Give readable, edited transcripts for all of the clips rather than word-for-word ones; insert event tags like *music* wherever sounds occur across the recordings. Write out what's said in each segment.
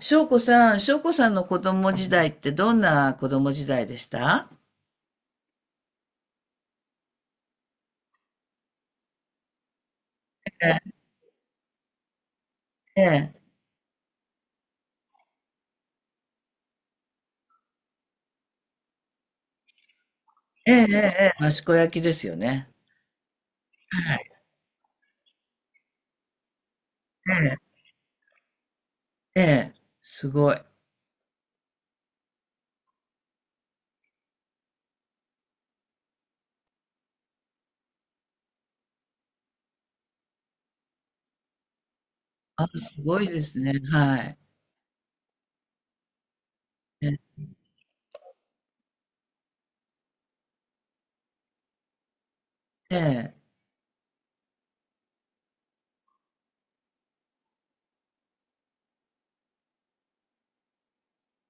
翔子さん、翔子さんの子供時代ってどんな子供時代でした？ええ、ええ、ええ、益子焼きですよね。はい。ええ、ええ、すごい。あ、すごいですね。はい。ええ、ええ、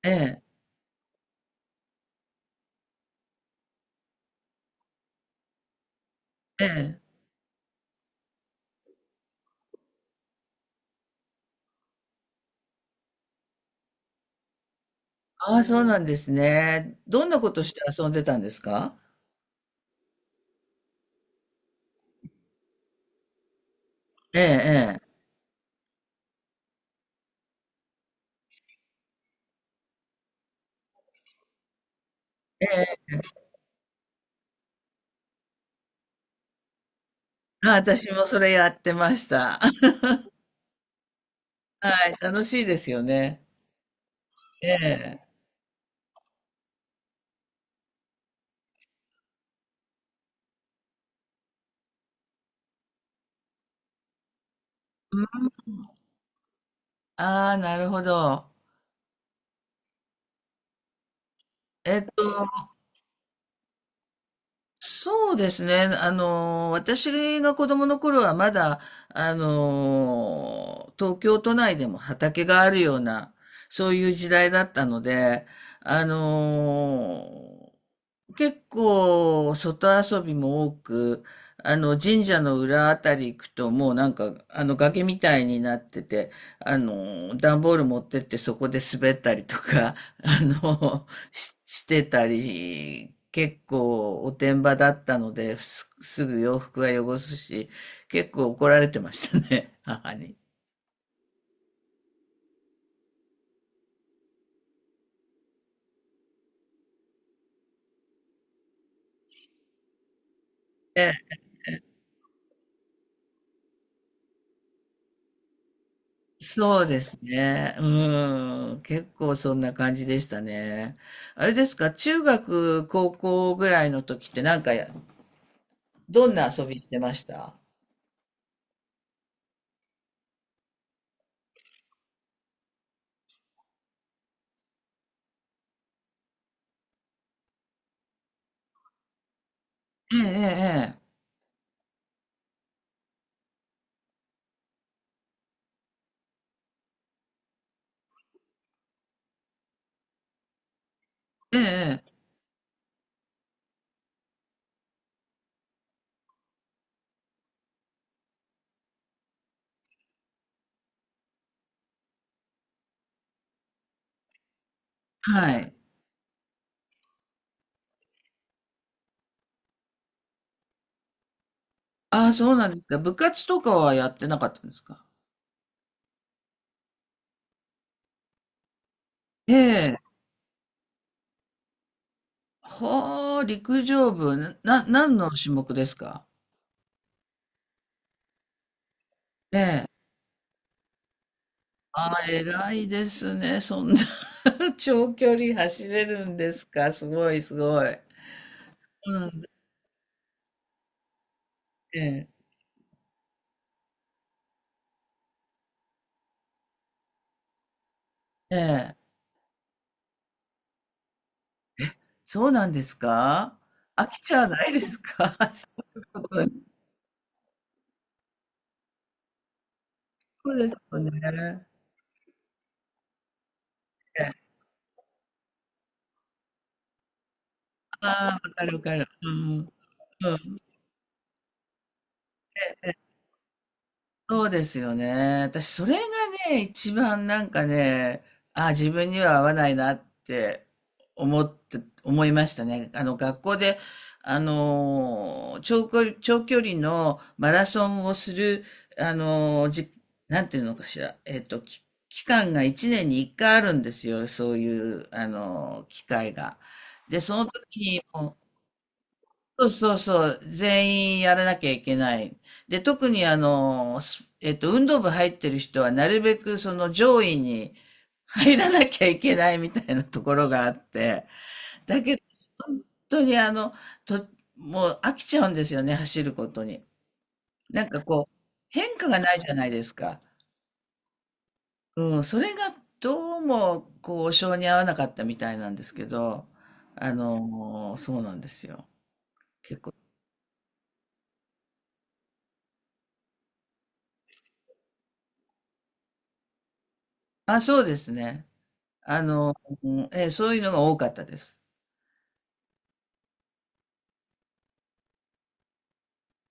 ええ、ええ。ああ、そうなんですね。どんなことして遊んでたんですか？ええ、ええ、ええ。あ、私もそれやってました。*laughs* はい、楽しいですよね。ええ。ああ、なるほど。えっと、そうですね。私が子供の頃はまだ、東京都内でも畑があるような、そういう時代だったので、あの、結構外遊びも多く、神社の裏あたり行くともう、崖みたいになってて、段ボール持ってってそこで滑ったりとか、*laughs* あの、してたり、結構おてんばだったので、すぐ洋服は汚すし、結構怒られてましたね、*laughs* 母に。え、そうですね。うん。結構そんな感じでしたね。あれですか、中学、高校ぐらいの時ってなんかどんな遊びしてました？ええ、ええ、ええ、ええ。はい。ああ、そうなんですか。部活とかはやってなかったんですか？ええ。ほう、陸上部、何の種目ですか？ああ、偉いですね。そんな *laughs* 長距離走れるんですか、すごい、すごい。うん、ええ、ええ。そうなんですか？飽きちゃわないですか？ *laughs* そういうこと。そうですよね。ええ。ああ、わかるわかる。うん、うん。そうですよね。私、それがね、一番なんかね、あ、自分には合わないなって思って、思いましたね。学校で、長距離のマラソンをする、あのー、じ、なんていうのかしら、期間が1年に1回あるんですよ。そういう、機会が。で、その時に、そうそうそう、全員やらなきゃいけない。で、特にえっと、運動部入ってる人はなるべくその上位に入らなきゃいけないみたいなところがあって、だけど、本当にと、もう飽きちゃうんですよね、走ることに。なんかこう、変化がないじゃないですか。うん、それがどうも、こう、性に合わなかったみたいなんですけど、そうなんですよ。結構。あ、そうですね。あの、そういうのが多かったです。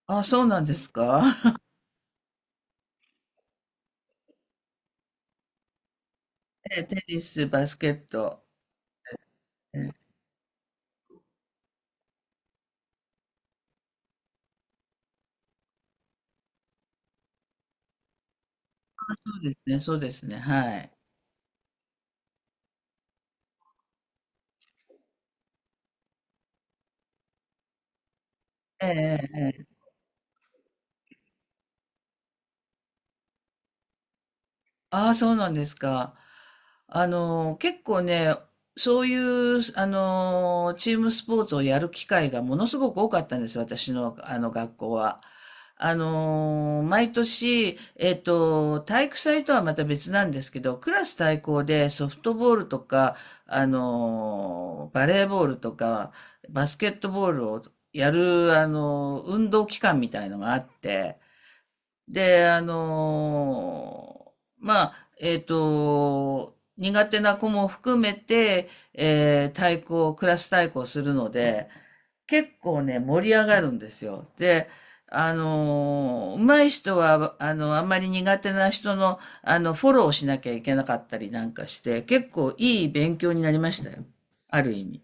あ、そうなんですか。*laughs* ええ、テニス、バスケット。えーそうですね、そうですね、はい。ええ、ええ。ああ、そうなんですか。結構ね、そういう、チームスポーツをやる機会がものすごく多かったんです、私の、学校は。毎年、体育祭とはまた別なんですけど、クラス対抗でソフトボールとか、バレーボールとか、バスケットボールをやる、運動期間みたいのがあって、で、まあ、苦手な子も含めて、クラス対抗するので、結構ね、盛り上がるんですよ。で、上手い人は、あんまり苦手な人の、フォローをしなきゃいけなかったりなんかして、結構いい勉強になりましたよ。ある意味。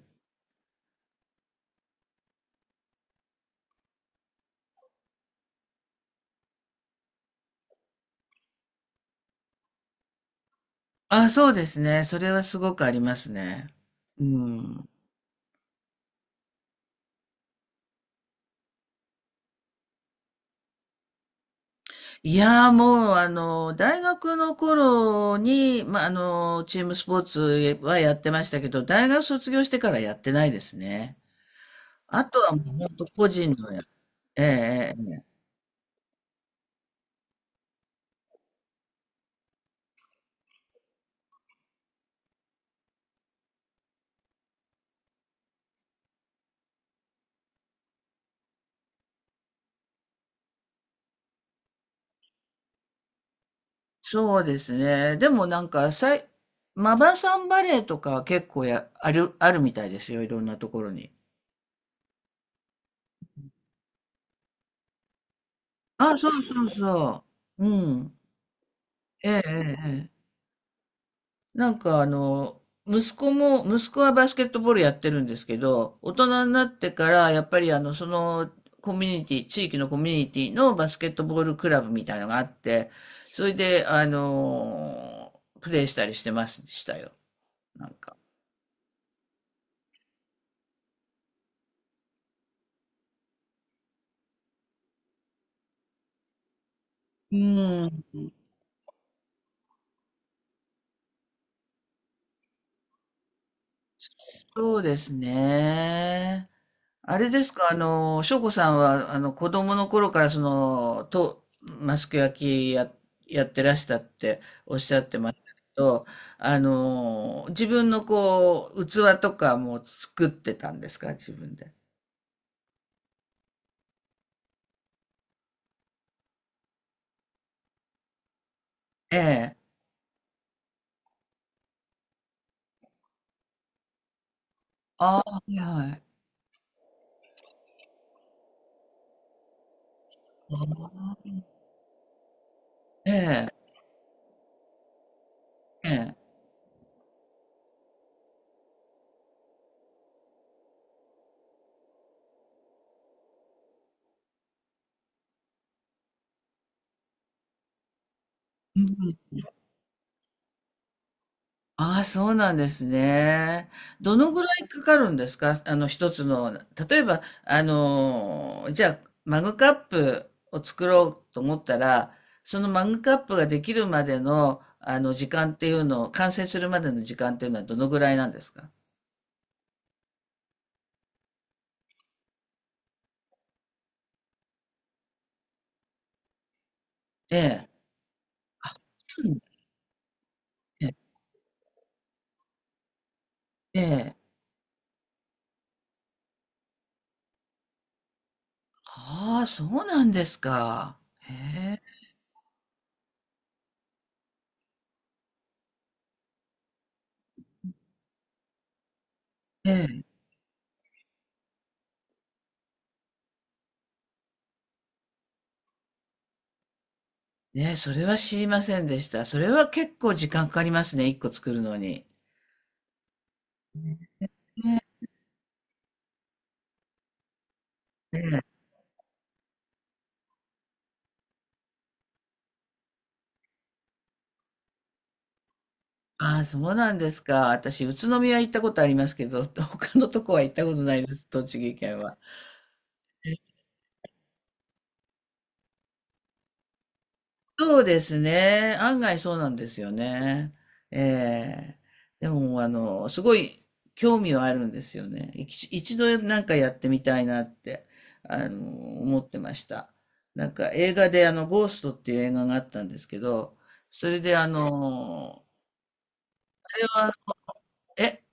あ、そうですね。それはすごくありますね。うん。いやーもう、大学の頃に、まあ、チームスポーツはやってましたけど、大学卒業してからやってないですね。あとはもう本当個人のや、ええ、ええ。そうですね。でもなんか、マバさんバレーとか結構や、ある、あるみたいですよ。いろんなところに。あ、そうそうそう。うん。え、ええ、え。なんか息子はバスケットボールやってるんですけど、大人になってから、やっぱりコミュニティ、地域のコミュニティのバスケットボールクラブみたいのがあって、それで、プレイしたりしてましたよ。なんか。うん。そうですね。あれですか、翔子さんは、子供の頃から、マスク焼きやってらしたっておっしゃってましたけど、自分のこう、器とかも作ってたんですか、自分で。ええ。ああ、はいはい。ええ、ええ。うん。ああ、そうなんですね。どのぐらいかかるんですか、あの、一つの、例えば、じゃあ、マグカップを作ろうと思ったら、そのマグカップができるまでの、時間っていうのを、完成するまでの時間っていうのはどのぐらいなんですか？ええ。あ、そうなん。ええ。ええ。ああ、そうなんですか。へえ。ええ。ねえ、それは知りませんでした。それは結構時間かかりますね、一個作るのに。ええ。ああ、そうなんですか。私、宇都宮行ったことありますけど、*laughs* 他のとこは行ったことないです、栃木県は。そうですね。案外そうなんですよね。ええ。でも、すごい興味はあるんですよね。一度なんかやってみたいなって、思ってました。なんか映画で、ゴーストっていう映画があったんですけど、それで、あれは、え、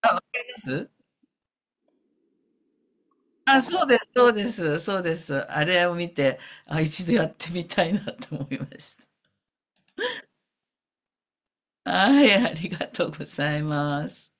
あ、わかります。あ、そうです、そうです、そうです。あれを見て、あ、一度やってみたいなと思いました。はい、ありがとうございます。